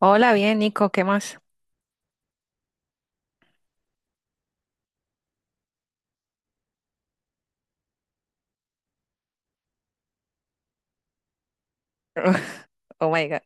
Hola, bien, Nico, ¿qué más? Oh my God.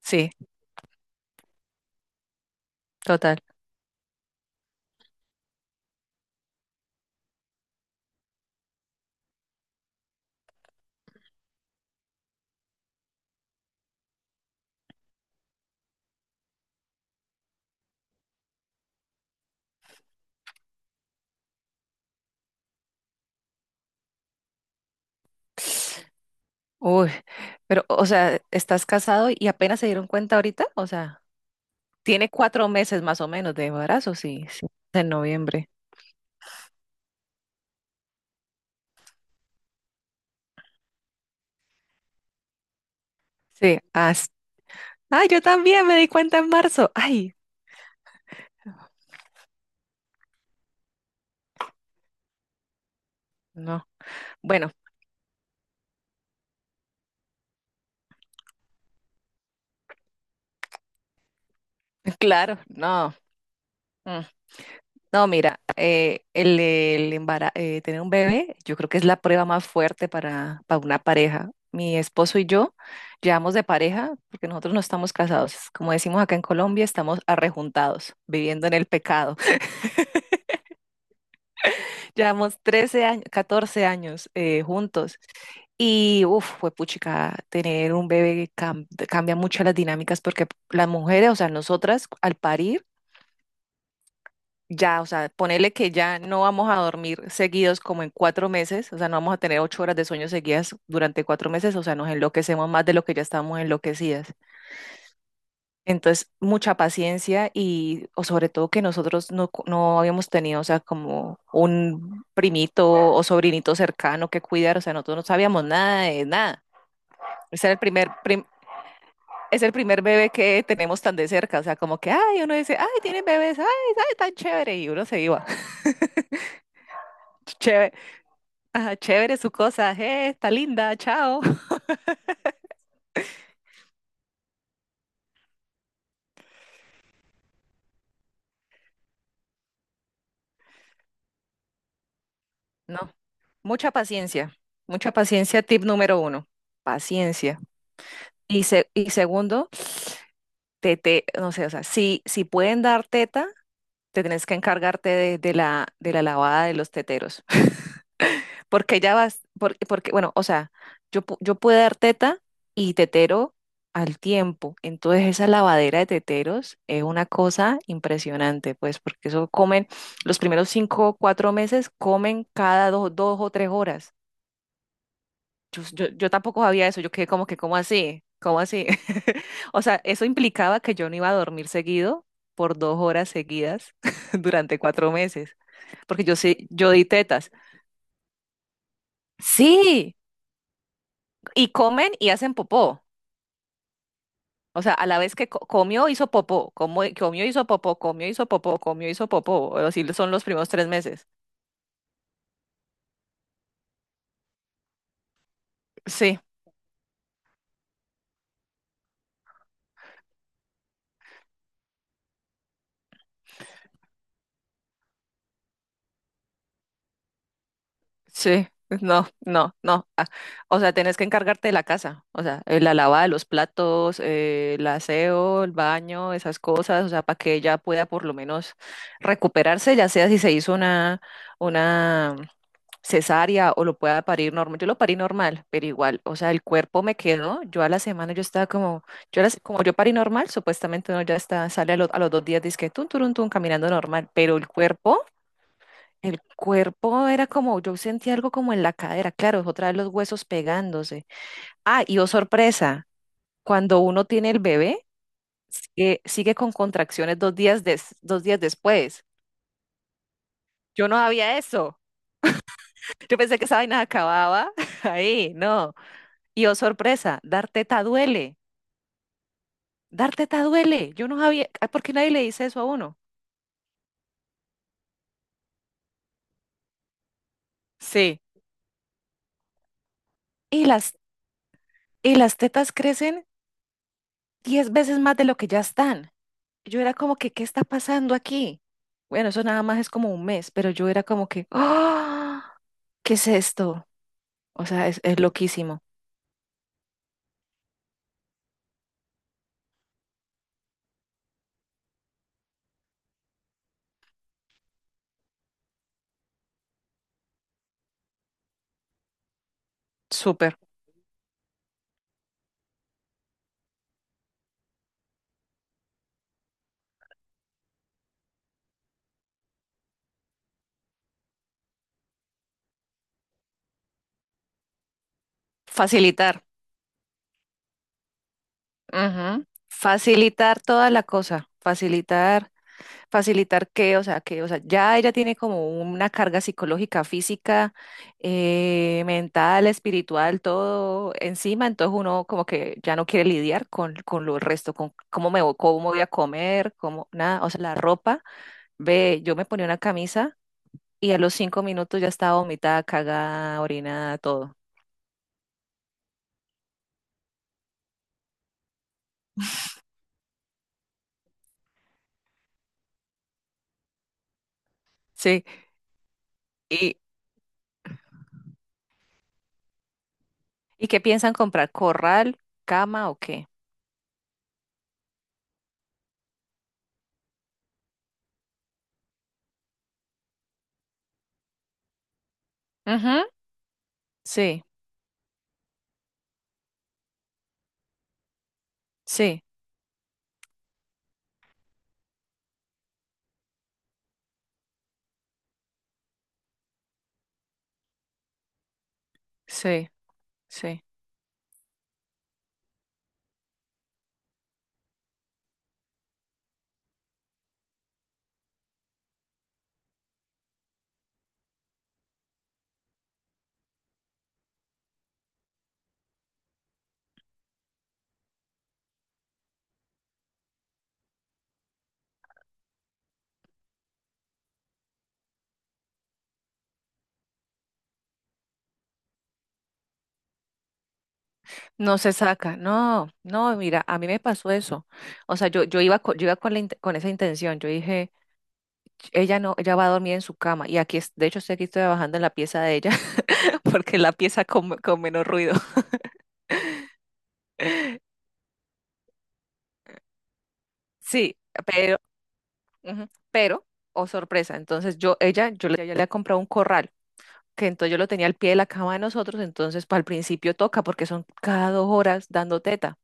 Sí, total. Uy, pero, o sea, ¿estás casado y apenas se dieron cuenta ahorita? O sea, tiene 4 meses más o menos de embarazo, sí, sí, en noviembre. Sí, ay, yo también me di cuenta en marzo. Ay, no. Bueno, claro, no. Mm. No, mira, tener un bebé, yo creo que es la prueba más fuerte para, una pareja. Mi esposo y yo llevamos de pareja porque nosotros no estamos casados. Como decimos acá en Colombia, estamos arrejuntados, viviendo en el pecado. Llevamos 13 años, 14 años juntos. Y, uff, fue puchica, tener un bebé cambia mucho las dinámicas porque las mujeres, o sea, nosotras al parir, ya, o sea, ponerle que ya no vamos a dormir seguidos como en 4 meses, o sea, no vamos a tener 8 horas de sueño seguidas durante 4 meses, o sea, nos enloquecemos más de lo que ya estamos enloquecidas. Entonces, mucha paciencia y, o sobre todo que nosotros no habíamos tenido, o sea, como un primito o sobrinito cercano que cuidar, o sea, nosotros no sabíamos nada de nada. Ese era el primer, prim- Es el primer bebé que tenemos tan de cerca, o sea, como que, ay, uno dice, ay, tienen bebés, ay, ay, tan chévere, y uno se iba. Chévere. Ah, chévere su cosa, está linda, chao. No, mucha paciencia, mucha paciencia, tip número uno, paciencia. Y, y segundo, no sé, o sea, si, pueden dar teta, te tienes que encargarte de, de la lavada de los teteros. Porque ya vas, porque, bueno, o sea, yo puedo dar teta y tetero al tiempo. Entonces esa lavadera de teteros es una cosa impresionante, pues, porque eso comen, los primeros 5 o 4 meses comen cada dos, 2 o 3 horas. Yo tampoco sabía eso, yo quedé como que, ¿cómo así? ¿Cómo así? O sea, eso implicaba que yo no iba a dormir seguido por 2 horas seguidas durante 4 meses, porque yo sí, yo di tetas. Sí, y comen y hacen popó. O sea, a la vez que comió, hizo popó, comió, hizo popó, comió, hizo popó, comió, hizo popó. O así son los primeros 3 meses. Sí, sí, no, no, no. O sea, tenés que encargarte de la casa. O sea, la lavada de los platos, el aseo, el baño, esas cosas. O sea, para que ella pueda por lo menos recuperarse, ya sea si se hizo una cesárea o lo pueda parir normal. Yo lo parí normal, pero igual, o sea, el cuerpo me quedó. Yo a la semana yo estaba como, yo a la como yo parí normal, supuestamente uno ya está, sale a los 2 días, dice que tun, turun, tun, caminando normal, pero el cuerpo era como, yo sentía algo como en la cadera, claro, otra vez los huesos pegándose. Ah, y oh sorpresa, cuando uno tiene el bebé, sigue con contracciones 2 días, 2 días después. Yo no había eso. Yo pensé que esa vaina acababa ahí, no. Y oh, sorpresa, dar teta duele. Dar teta duele. Yo no sabía, ay, ¿por qué nadie le dice eso a uno? Sí. Y las, tetas crecen 10 veces más de lo que ya están. Yo era como que, ¿qué está pasando aquí? Bueno, eso nada más es como un mes, pero yo era como que, ¡ah! ¿Qué es esto? O sea, es loquísimo. Súper. Facilitar. Ujú. Facilitar toda la cosa. Facilitar. Facilitar que, o sea, ya ella tiene como una carga psicológica, física, mental, espiritual, todo encima, entonces uno como que ya no quiere lidiar con, lo resto, con cómo me voy, cómo voy a comer, cómo, nada, o sea, la ropa, ve, yo me ponía una camisa y a los 5 minutos ya estaba vomitada, cagada, orinada, todo. Sí, y, ¿y qué piensan comprar? ¿Corral, cama o qué? Ujú. Sí, sí, sí, sí. No se saca, no, no, mira, a mí me pasó eso. O sea, yo iba con, con esa intención, yo dije, ella no, ella va a dormir en su cama y aquí, de hecho, estoy aquí trabajando en la pieza de ella porque es la pieza con, menos ruido. Sí, pero, ujú, pero, oh sorpresa, entonces yo, ella, yo le, ella le ha comprado un corral, que entonces yo lo tenía al pie de la cama de nosotros, entonces para el principio toca porque son cada 2 horas dando teta.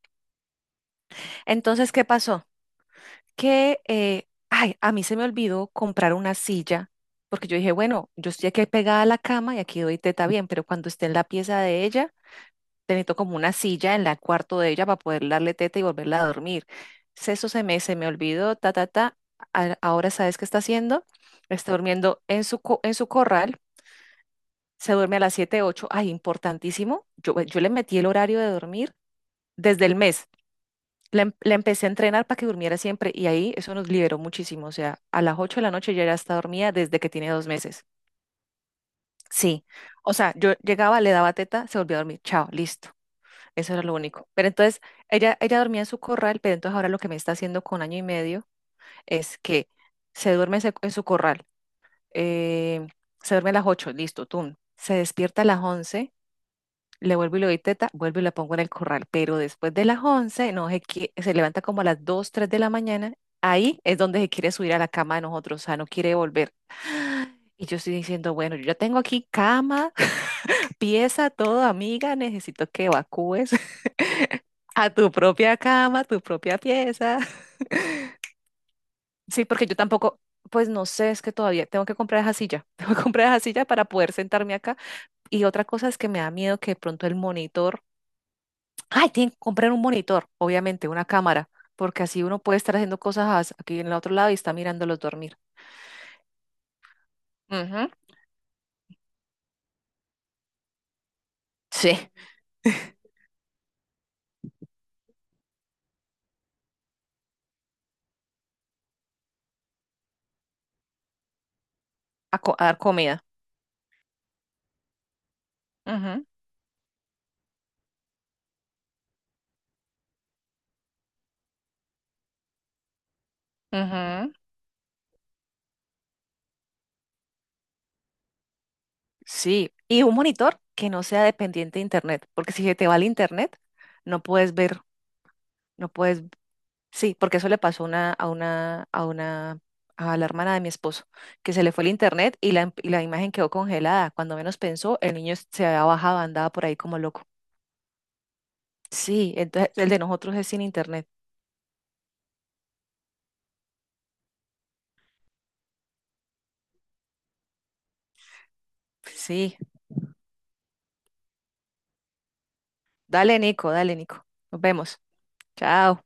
Entonces, ¿qué pasó? Que, ay, a mí se me olvidó comprar una silla, porque yo dije, bueno, yo estoy aquí pegada a la cama y aquí doy teta bien, pero cuando esté en la pieza de ella, te necesito como una silla en el cuarto de ella para poder darle teta y volverla a dormir. Eso se me olvidó, ta, ta, ta. Ahora sabes qué está haciendo. Está durmiendo en su corral, se duerme a las 7 ocho, ay, importantísimo. Yo le metí el horario de dormir desde el mes. La la empecé a entrenar para que durmiera siempre y ahí eso nos liberó muchísimo. O sea, a las 8 de la noche ya está dormida desde que tiene 2 meses. Sí. O sea, yo llegaba, le daba teta, se volvía a dormir. Chao, listo. Eso era lo único. Pero entonces, ella dormía en su corral, pero entonces ahora lo que me está haciendo con año y medio es que se duerme en su corral. eh, se duerme a las 8 listo, tum. Se despierta a las 11. Le vuelvo y le doy teta, vuelvo y la pongo en el corral. Pero después de las 11, no se, se levanta como a las 2 3 de la mañana. Ahí es donde se quiere subir a la cama de nosotros, o sea, no quiere volver. Y yo estoy diciendo, bueno, yo ya tengo aquí cama, pieza, todo, amiga, necesito que evacúes a tu propia cama, tu propia pieza. Sí, porque yo tampoco, pues no sé, es que todavía tengo que comprar esa silla, tengo que comprar esa silla para poder sentarme acá. Y otra cosa es que me da miedo que de pronto el monitor. Ay, tienen que comprar un monitor, obviamente, una cámara, porque así uno puede estar haciendo cosas aquí en el otro lado y está mirándolos dormir. Ujú. Sí, a, a dar comida. Ujú, ujú. Sí, y un monitor que no sea dependiente de internet, porque si se te va el internet, no puedes ver, no puedes, sí, porque eso le pasó a una, a la hermana de mi esposo, que se le fue el internet y la, imagen quedó congelada. Cuando menos pensó, el niño se había bajado, andaba por ahí como loco. Sí, entonces el de nosotros es sin internet. Sí. Dale, Nico, dale, Nico. Nos vemos. Chao.